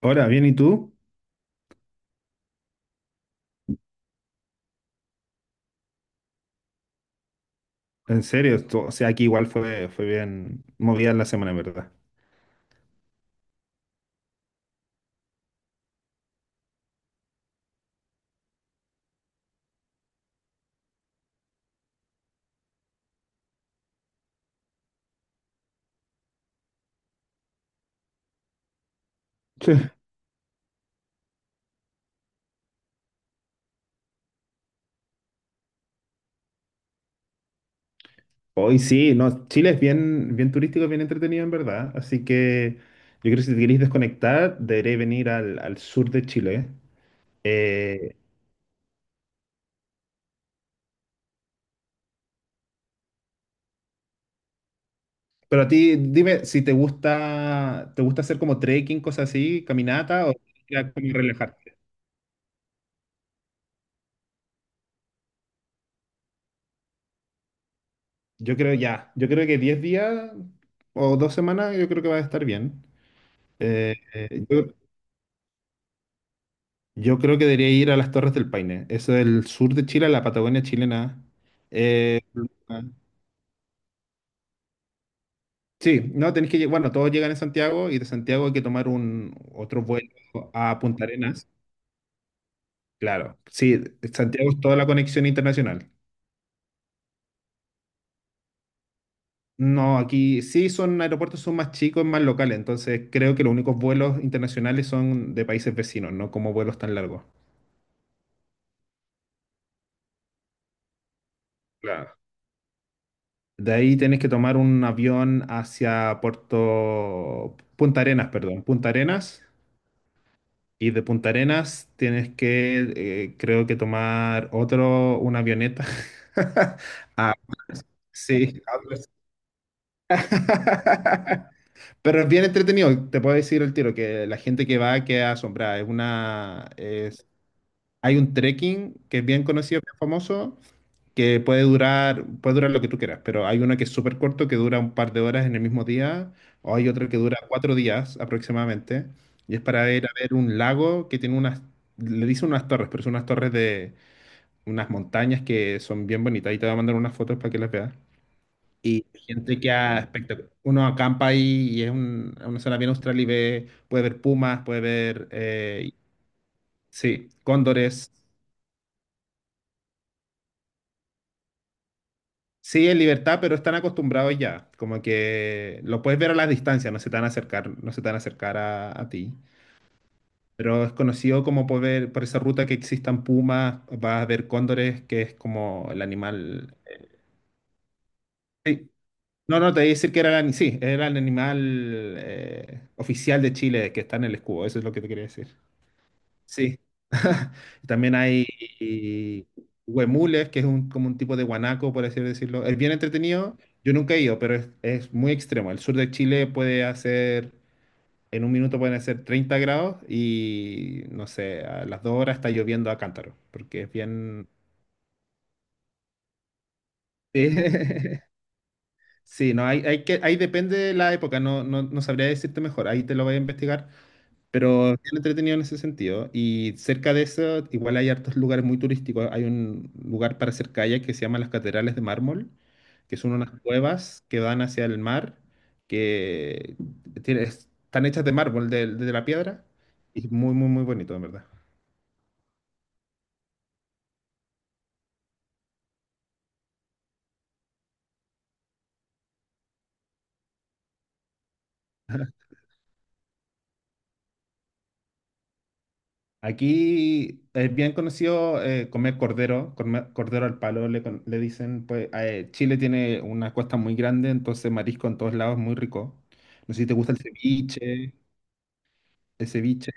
Ahora, bien, ¿y tú? En serio, o sea, aquí igual fue bien movida la semana, en verdad. Sí. Hoy sí, no, Chile es bien, bien turístico, bien entretenido, en verdad. Así que yo creo que si te queréis desconectar, deberéis venir al sur de Chile. Eh, pero a ti, dime si te gusta hacer como trekking, cosas así, caminata o ya como relajarte. Yo creo que 10 días o 2 semanas, yo creo que va a estar bien. Eh, eh, yo- Yo creo que debería ir a las Torres del Paine. Eso es el sur de Chile, la Patagonia chilena. Eh, ah, sí, no, tenéis que llegar. Bueno, todos llegan en Santiago y de Santiago hay que tomar un otro vuelo a Punta Arenas. Claro, sí, Santiago es toda la conexión internacional. No, aquí sí son aeropuertos, son más chicos, más locales. Entonces creo que los únicos vuelos internacionales son de países vecinos, no como vuelos tan largos. Claro. De ahí tenés que tomar un avión hacia Puerto Punta Arenas, perdón, Punta Arenas. Y de Punta Arenas tienes que, creo que tomar otro, una avioneta. Ah, sí. Pero es bien entretenido, te puedo decir el tiro, que la gente que va queda asombrada. Hay un trekking que es bien conocido, bien famoso, que puede durar lo que tú quieras, pero hay uno que es súper corto, que dura un par de horas en el mismo día, o hay otro que dura 4 días aproximadamente, y es para ir a ver un lago que tiene unas, le dicen unas torres, pero son unas torres de unas montañas que son bien bonitas, y te voy a mandar unas fotos para que las veas. Y gente que ha espectac- uno acampa ahí y es una zona bien austral y ve, puede ver pumas, puede ver, sí, cóndores. Sí, en libertad, pero están acostumbrados ya. Como que lo puedes ver a la distancia, no se te van a acercar, no se te van a acercar a ti. Pero es conocido como por ver, por esa ruta que existan pumas, vas a ver cóndores, que es como el animal. Sí. No, no, te voy a decir que era sí, era el animal oficial de Chile que está en el escudo, eso es lo que te quería decir. Sí. También hay eh, huemules, que es un, como un tipo de guanaco, por así decirlo. Es bien entretenido. Yo nunca he ido, pero es muy extremo. El sur de Chile puede hacer, en un minuto pueden hacer 30 grados y, no sé, a las 2 horas está lloviendo a cántaro, porque es bien... Sí, no, hay que, ahí depende de la época, no, no, no sabría decirte mejor, ahí te lo voy a investigar. Pero bien entretenido en ese sentido. Y cerca de eso, igual hay hartos lugares muy turísticos. Hay un lugar para hacer kayak que se llama las Catedrales de Mármol, que son unas cuevas que dan hacia el mar, que están hechas de mármol, de la piedra. Y muy, muy, muy bonito, en verdad. Aquí es bien conocido comer cordero al palo, le dicen, pues Chile tiene una costa muy grande, entonces marisco en todos lados es muy rico. No sé si te gusta el ceviche. El ceviche,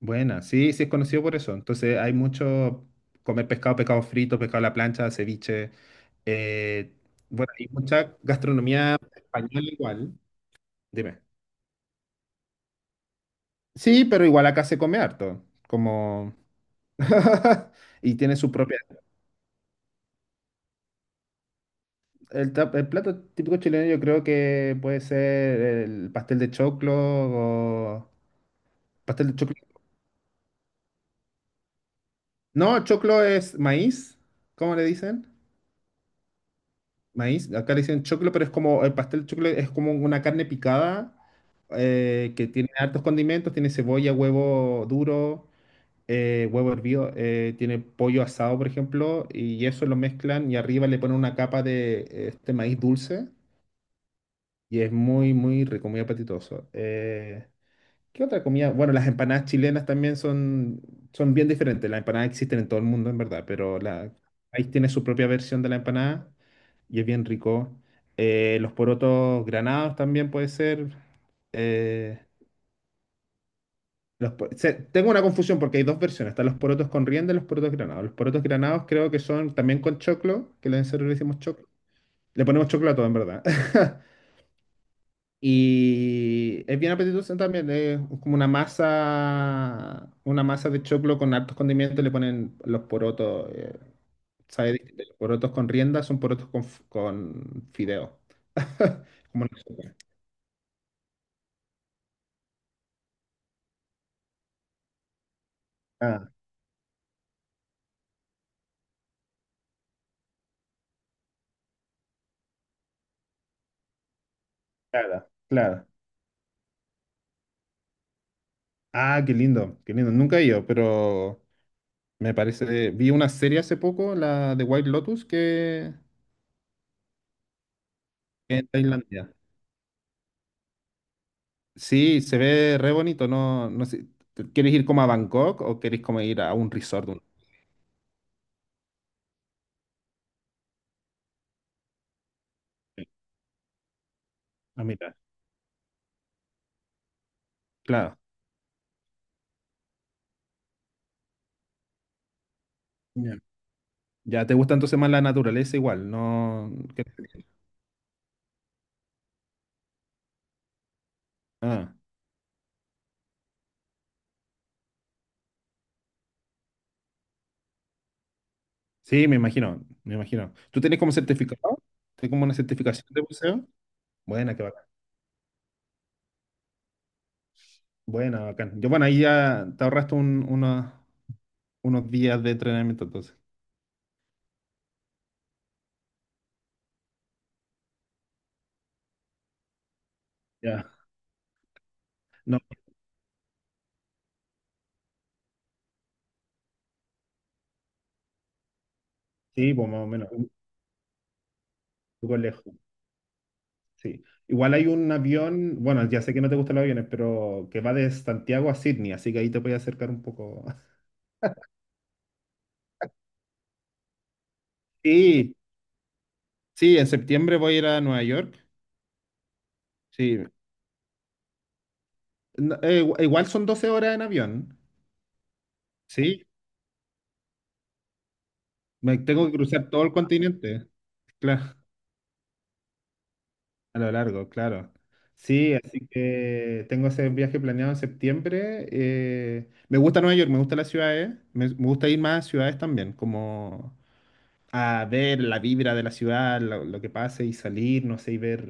buena, sí, sí es conocido por eso. Entonces hay mucho comer pescado, pescado frito, pescado a la plancha, ceviche. eh, bueno, hay mucha gastronomía española igual. Dime. Sí, pero igual acá se come harto, como... Y tiene su propia... El plato típico chileno yo creo que puede ser el pastel de choclo o... Pastel de choclo. No, choclo es maíz, ¿cómo le dicen? Maíz, acá le dicen choclo, pero es como, el pastel choclo es como una carne picada que tiene hartos condimentos, tiene cebolla, huevo duro, huevo hervido, tiene pollo asado, por ejemplo, y eso lo mezclan y arriba le ponen una capa de este maíz dulce y es muy, muy rico, muy apetitoso. ¿Qué otra comida? Bueno, las empanadas chilenas también son bien diferentes. Las empanadas existen en todo el mundo, en verdad, pero ahí tiene su propia versión de la empanada y es bien rico. Los porotos granados también puede ser. eh, tengo una confusión porque hay dos versiones. Están los porotos con rienda y los porotos granados. Los porotos granados creo que son también con choclo, que nosotros le decimos choclo. Le ponemos choclo a todo, en verdad. Y es bien apetitoso también, es como una masa de choclo con hartos condimentos, le ponen los porotos, sabe distinto, los porotos con rienda son porotos con, con fideo. Como una sopa. Ah, claro, claro. Ah, qué lindo, qué lindo. Nunca he ido, pero me parece, vi una serie hace poco, la de White Lotus, que en Tailandia. Sí, se ve re bonito, no, no sé, ¿quieres ir como a Bangkok o quieres como ir a un resort? A mitad. Claro. Ya. Ya te gusta entonces más la naturaleza igual, no. Ah, sí, me imagino, me imagino. ¿Tú tienes como certificado? ¿Tienes como una certificación de buceo? Buena, qué bacán. Buena, bacán. Yo, bueno, ahí ya te ahorraste unos días de entrenamiento entonces. Ya. No, sí, pues más o menos, un poco lejos. Sí. Igual hay un avión, bueno, ya sé que no te gustan los aviones, pero que va de Santiago a Sydney, así que ahí te puedes acercar un poco. Sí, sí, en septiembre voy a ir a Nueva York. Sí, no, igual son 12 horas en avión, ¿sí? Me tengo que cruzar todo el continente, claro, a lo largo, claro. Sí, así que tengo ese viaje planeado en septiembre. Me gusta Nueva York, me gusta las ciudades, me gusta ir más a ciudades también, como a ver la vibra de la ciudad, lo que pase y salir, no sé, y ver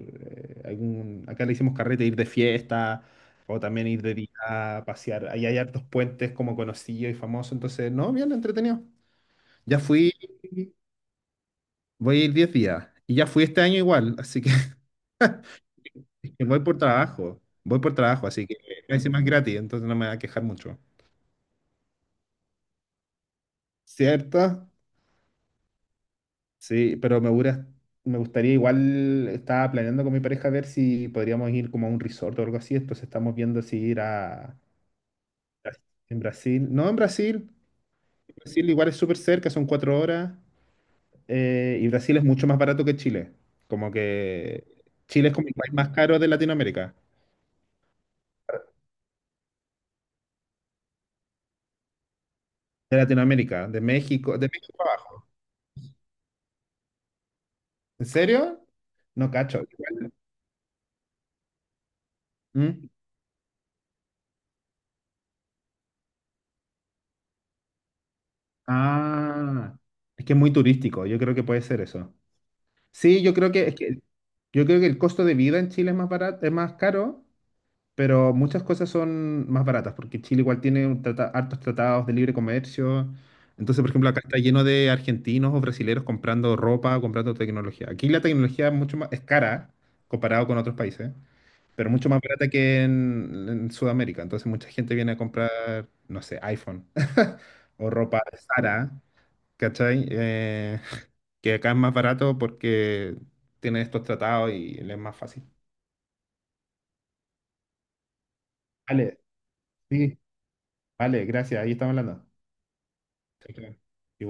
acá le hicimos carrete, ir de fiesta. O también ir de día a pasear. Ahí hay hartos puentes como conocidos y famosos. Entonces, no, bien entretenido. Ya fui, Voy a ir 10 días. Y ya fui este año igual, así que dije, voy por trabajo. Voy por trabajo, así que encima es gratis, entonces no me va a quejar mucho. ¿Cierto? Sí, pero me gustaría igual, estaba planeando con mi pareja ver si podríamos ir como a un resort o algo así, entonces estamos viendo si ir a... En Brasil, no, en Brasil, Brasil igual es súper cerca, son 4 horas, y Brasil es mucho más barato que Chile, como que Chile es como el país más caro de Latinoamérica. De Latinoamérica, de México abajo. ¿En serio? No cacho. Igual. ¿Mm? Ah, es que es muy turístico, yo creo que puede ser eso. Sí, yo creo que el costo de vida en Chile es más barato, es más caro, pero muchas cosas son más baratas, porque Chile igual tiene un hartos tratados de libre comercio. Entonces, por ejemplo, acá está lleno de argentinos o brasileros comprando ropa, comprando tecnología. Aquí la tecnología es mucho más, es cara comparado con otros países. Pero mucho más barata que en Sudamérica. Entonces mucha gente viene a comprar, no sé, iPhone o ropa de Zara, ¿cachai? Que acá es más barato porque tienen estos tratados y le es más fácil. Vale, sí, vale, gracias. Ahí estamos hablando. Chao, chao.